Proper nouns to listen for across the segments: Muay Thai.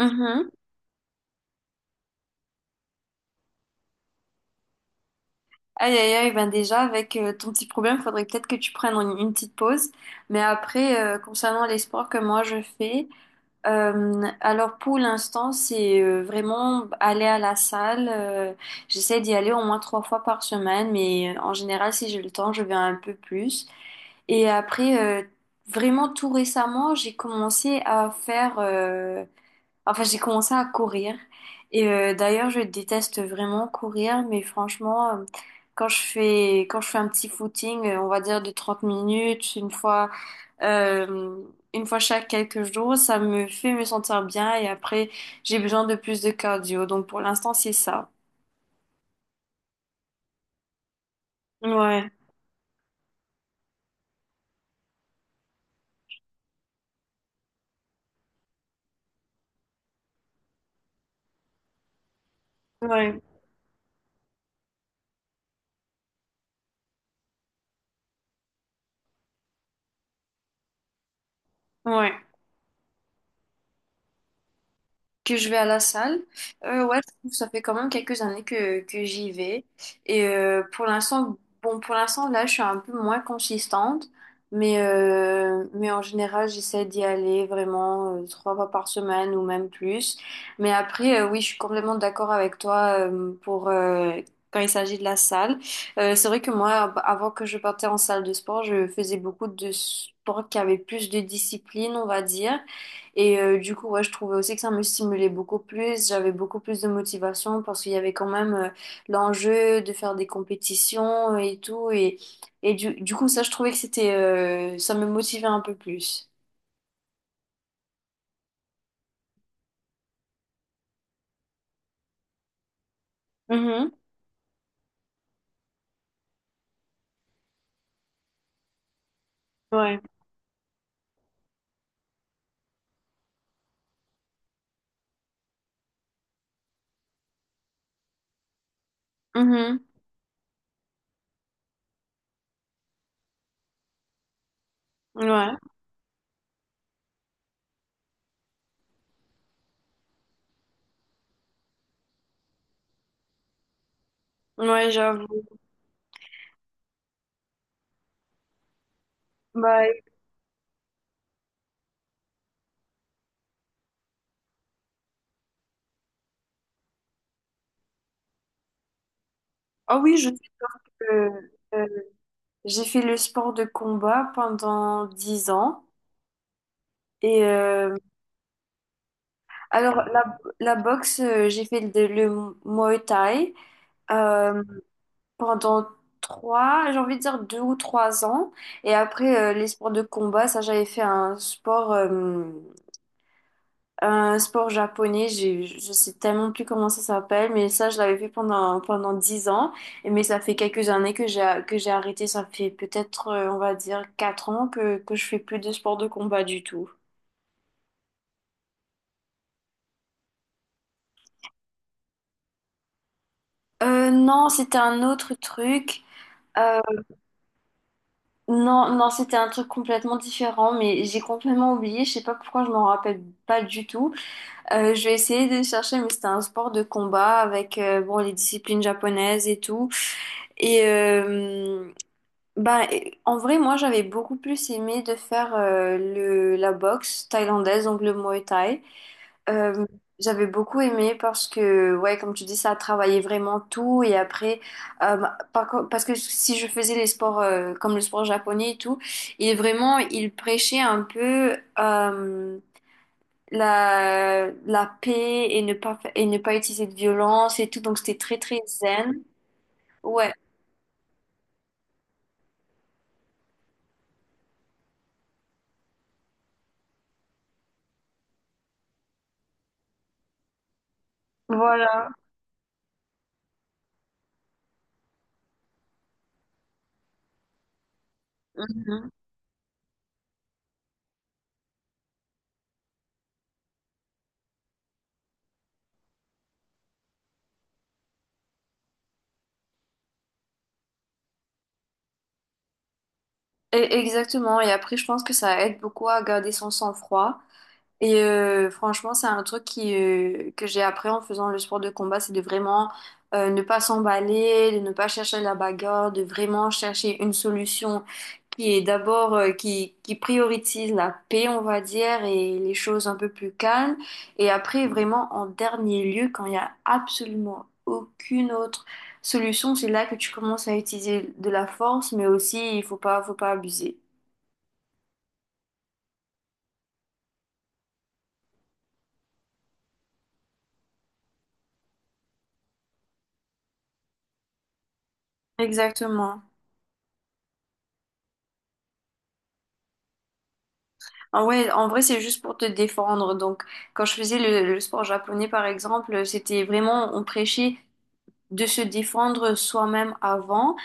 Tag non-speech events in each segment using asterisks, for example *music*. Mhm. Aïe aïe aïe, ben déjà avec ton petit problème, faudrait peut-être que tu prennes une petite pause. Mais après, concernant les sports que moi je fais, alors pour l'instant, c'est vraiment aller à la salle. J'essaie d'y aller au moins 3 fois par semaine, mais en général, si j'ai le temps, je vais un peu plus. Et après, vraiment tout récemment, j'ai commencé à courir. Et d'ailleurs, je déteste vraiment courir, mais franchement, quand je fais un petit footing, on va dire de 30 minutes, euh, une fois chaque quelques jours, ça me fait me sentir bien. Et après, j'ai besoin de plus de cardio. Donc, pour l'instant, c'est ça. Ouais, ouais, ouais. Que je vais à la salle. Ouais, je trouve que ça fait quand même quelques années que j'y vais. Et pour l'instant, bon, pour l'instant, là, je suis un peu moins consistante, mais en général, j'essaie d'y aller vraiment 3 fois par semaine ou même plus. Mais après, oui, je suis complètement d'accord avec toi quand il s'agit de la salle. C'est vrai que moi, avant que je partais en salle de sport, je faisais beaucoup de sports qui avaient plus de discipline, on va dire. Et du coup, ouais, je trouvais aussi que ça me stimulait beaucoup plus. J'avais beaucoup plus de motivation parce qu'il y avait quand même l'enjeu de faire des compétitions et tout. Et, du coup, ça, je trouvais que c'était, ça me motivait un peu plus. Mhm. Ouais. Mhm. Ouais. Ouais, j'avoue. Bah, ah oui, je sais que euh, j'ai fait le sport de combat pendant 10 ans. Et alors, la boxe, le Muay Thai. Pendant trois, j'ai envie de dire 2 ou 3 ans. Et après, les sports de combat, ça, j'avais fait un sport japonais. J'ai, je sais tellement plus comment ça s'appelle, mais ça, je l'avais fait pendant 10 ans. Et, mais ça fait quelques années que j'ai arrêté. Ça fait peut-être, on va dire, 4 ans que je fais plus de sport de combat du tout. Non, c'était un autre truc. Euh, non, non, c'était un truc complètement différent, mais j'ai complètement oublié. Je sais pas pourquoi je m'en rappelle pas du tout. Je vais essayer de chercher, mais c'était un sport de combat avec bon, les disciplines japonaises et tout. Et en vrai, moi, j'avais beaucoup plus aimé de faire la boxe thaïlandaise, donc le Muay Thai. Euh, j'avais beaucoup aimé parce que, ouais, comme tu dis, ça travaillait vraiment tout. Et après, bah, parce que si je faisais les sports comme le sport japonais et tout, il vraiment, il prêchait un peu. Euh, la paix et ne pas utiliser de violence et tout. Donc, c'était très, très zen. Ouais, voilà. Mhm. Et- exactement. Et après, je pense que ça aide beaucoup à garder son sang-froid. Et franchement, c'est un truc que j'ai appris en faisant le sport de combat, c'est de vraiment ne pas s'emballer, de ne pas chercher la bagarre, de vraiment chercher une solution qui est d'abord, qui priorise la paix, on va dire, et les choses un peu plus calmes. Et après, vraiment, en dernier lieu, quand il n'y a absolument aucune autre solution, c'est là que tu commences à utiliser de la force, mais aussi, il faut pas abuser. Exactement. Ah ouais, en vrai, c'est juste pour te défendre. Donc, quand je faisais le sport japonais, par exemple, c'était vraiment, on prêchait de se défendre soi-même avant,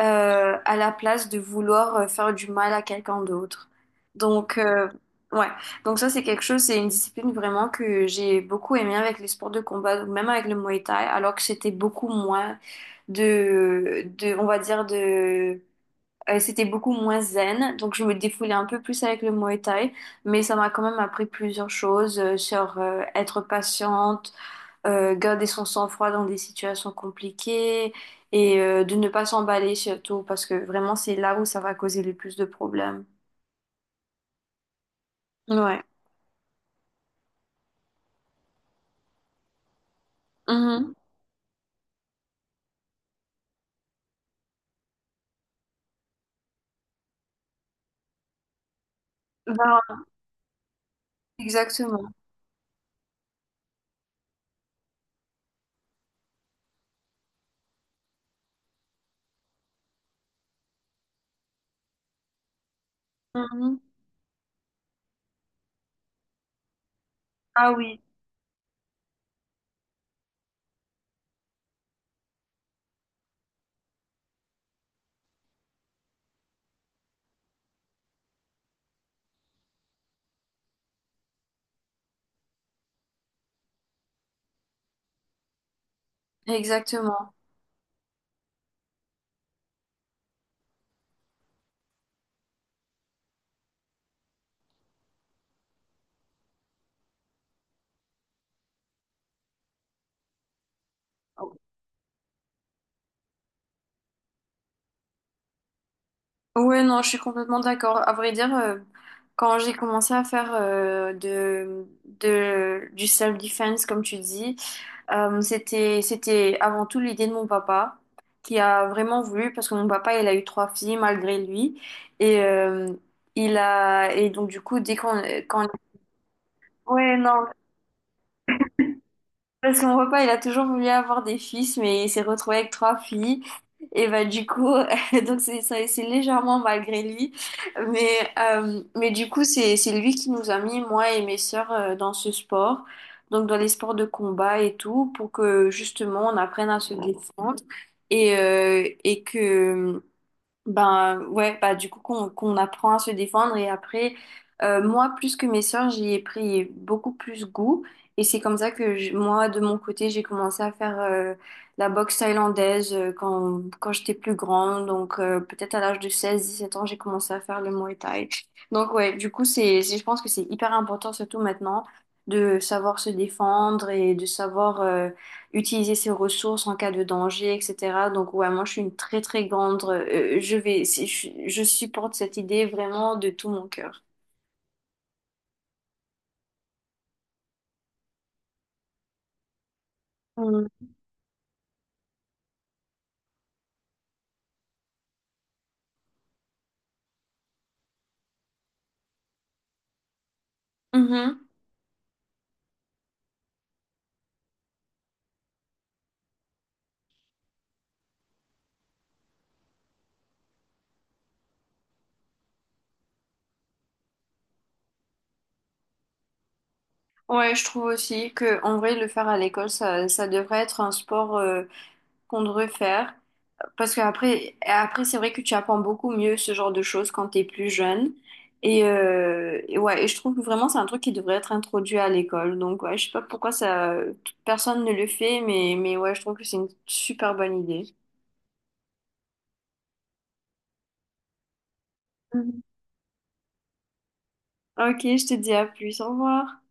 à la place de vouloir faire du mal à quelqu'un d'autre. Donc, ouais. Donc ça, c'est quelque chose, c'est une discipline vraiment que j'ai beaucoup aimé avec les sports de combat, même avec le Muay Thai, alors que c'était beaucoup moins on va dire, de c'était beaucoup moins zen, donc je me défoulais un peu plus avec le Muay Thai, mais ça m'a quand même appris plusieurs choses sur être patiente, garder son sang-froid dans des situations compliquées et de ne pas s'emballer surtout parce que vraiment c'est là où ça va causer le plus de problèmes. Ouais. Mhm. Ben, exactement. Mhm. Ah oui, exactement. Ouais, non, je suis complètement d'accord. À vrai dire, quand j'ai commencé à faire de, du self-defense, comme tu dis, c'était, c'était avant tout l'idée de mon papa, qui a vraiment voulu, parce que mon papa, il a eu trois filles malgré lui. Et, donc, du coup, dès qu'on... Quand, ouais, non, parce que mon papa, il a toujours voulu avoir des fils, mais il s'est retrouvé avec trois filles. Et bah du coup, *laughs* c'est légèrement malgré lui. Mais, du coup, c'est lui qui nous a mis, moi et mes sœurs, dans ce sport. Donc dans les sports de combat et tout, pour que justement on apprenne à se défendre et que ben ouais, bah du coup qu'on apprend à se défendre et après moi plus que mes sœurs, j'y ai pris beaucoup plus goût et c'est comme ça moi de mon côté, j'ai commencé à faire la boxe thaïlandaise quand j'étais plus grande, donc peut-être à l'âge de 16 17 ans, j'ai commencé à faire le Muay Thai. Donc ouais, du coup je pense que c'est hyper important surtout maintenant de savoir se défendre et de savoir utiliser ses ressources en cas de danger, etc. Donc, ouais, moi, je suis une très, très grande. Je vais, si- je supporte cette idée vraiment de tout mon cœur. Mm. Mhm. Ouais, je trouve aussi que en vrai, le faire à l'école, ça devrait être un sport qu'on devrait faire. Parce qu'après, après, c'est vrai que tu apprends beaucoup mieux ce genre de choses quand t'es plus jeune. Et, ouais, et je trouve que vraiment c'est un truc qui devrait être introduit à l'école. Donc ouais, je sais pas pourquoi ça, personne ne le fait, mais ouais, je trouve que c'est une super bonne idée. Mhm. Ok, je te dis à plus, au revoir.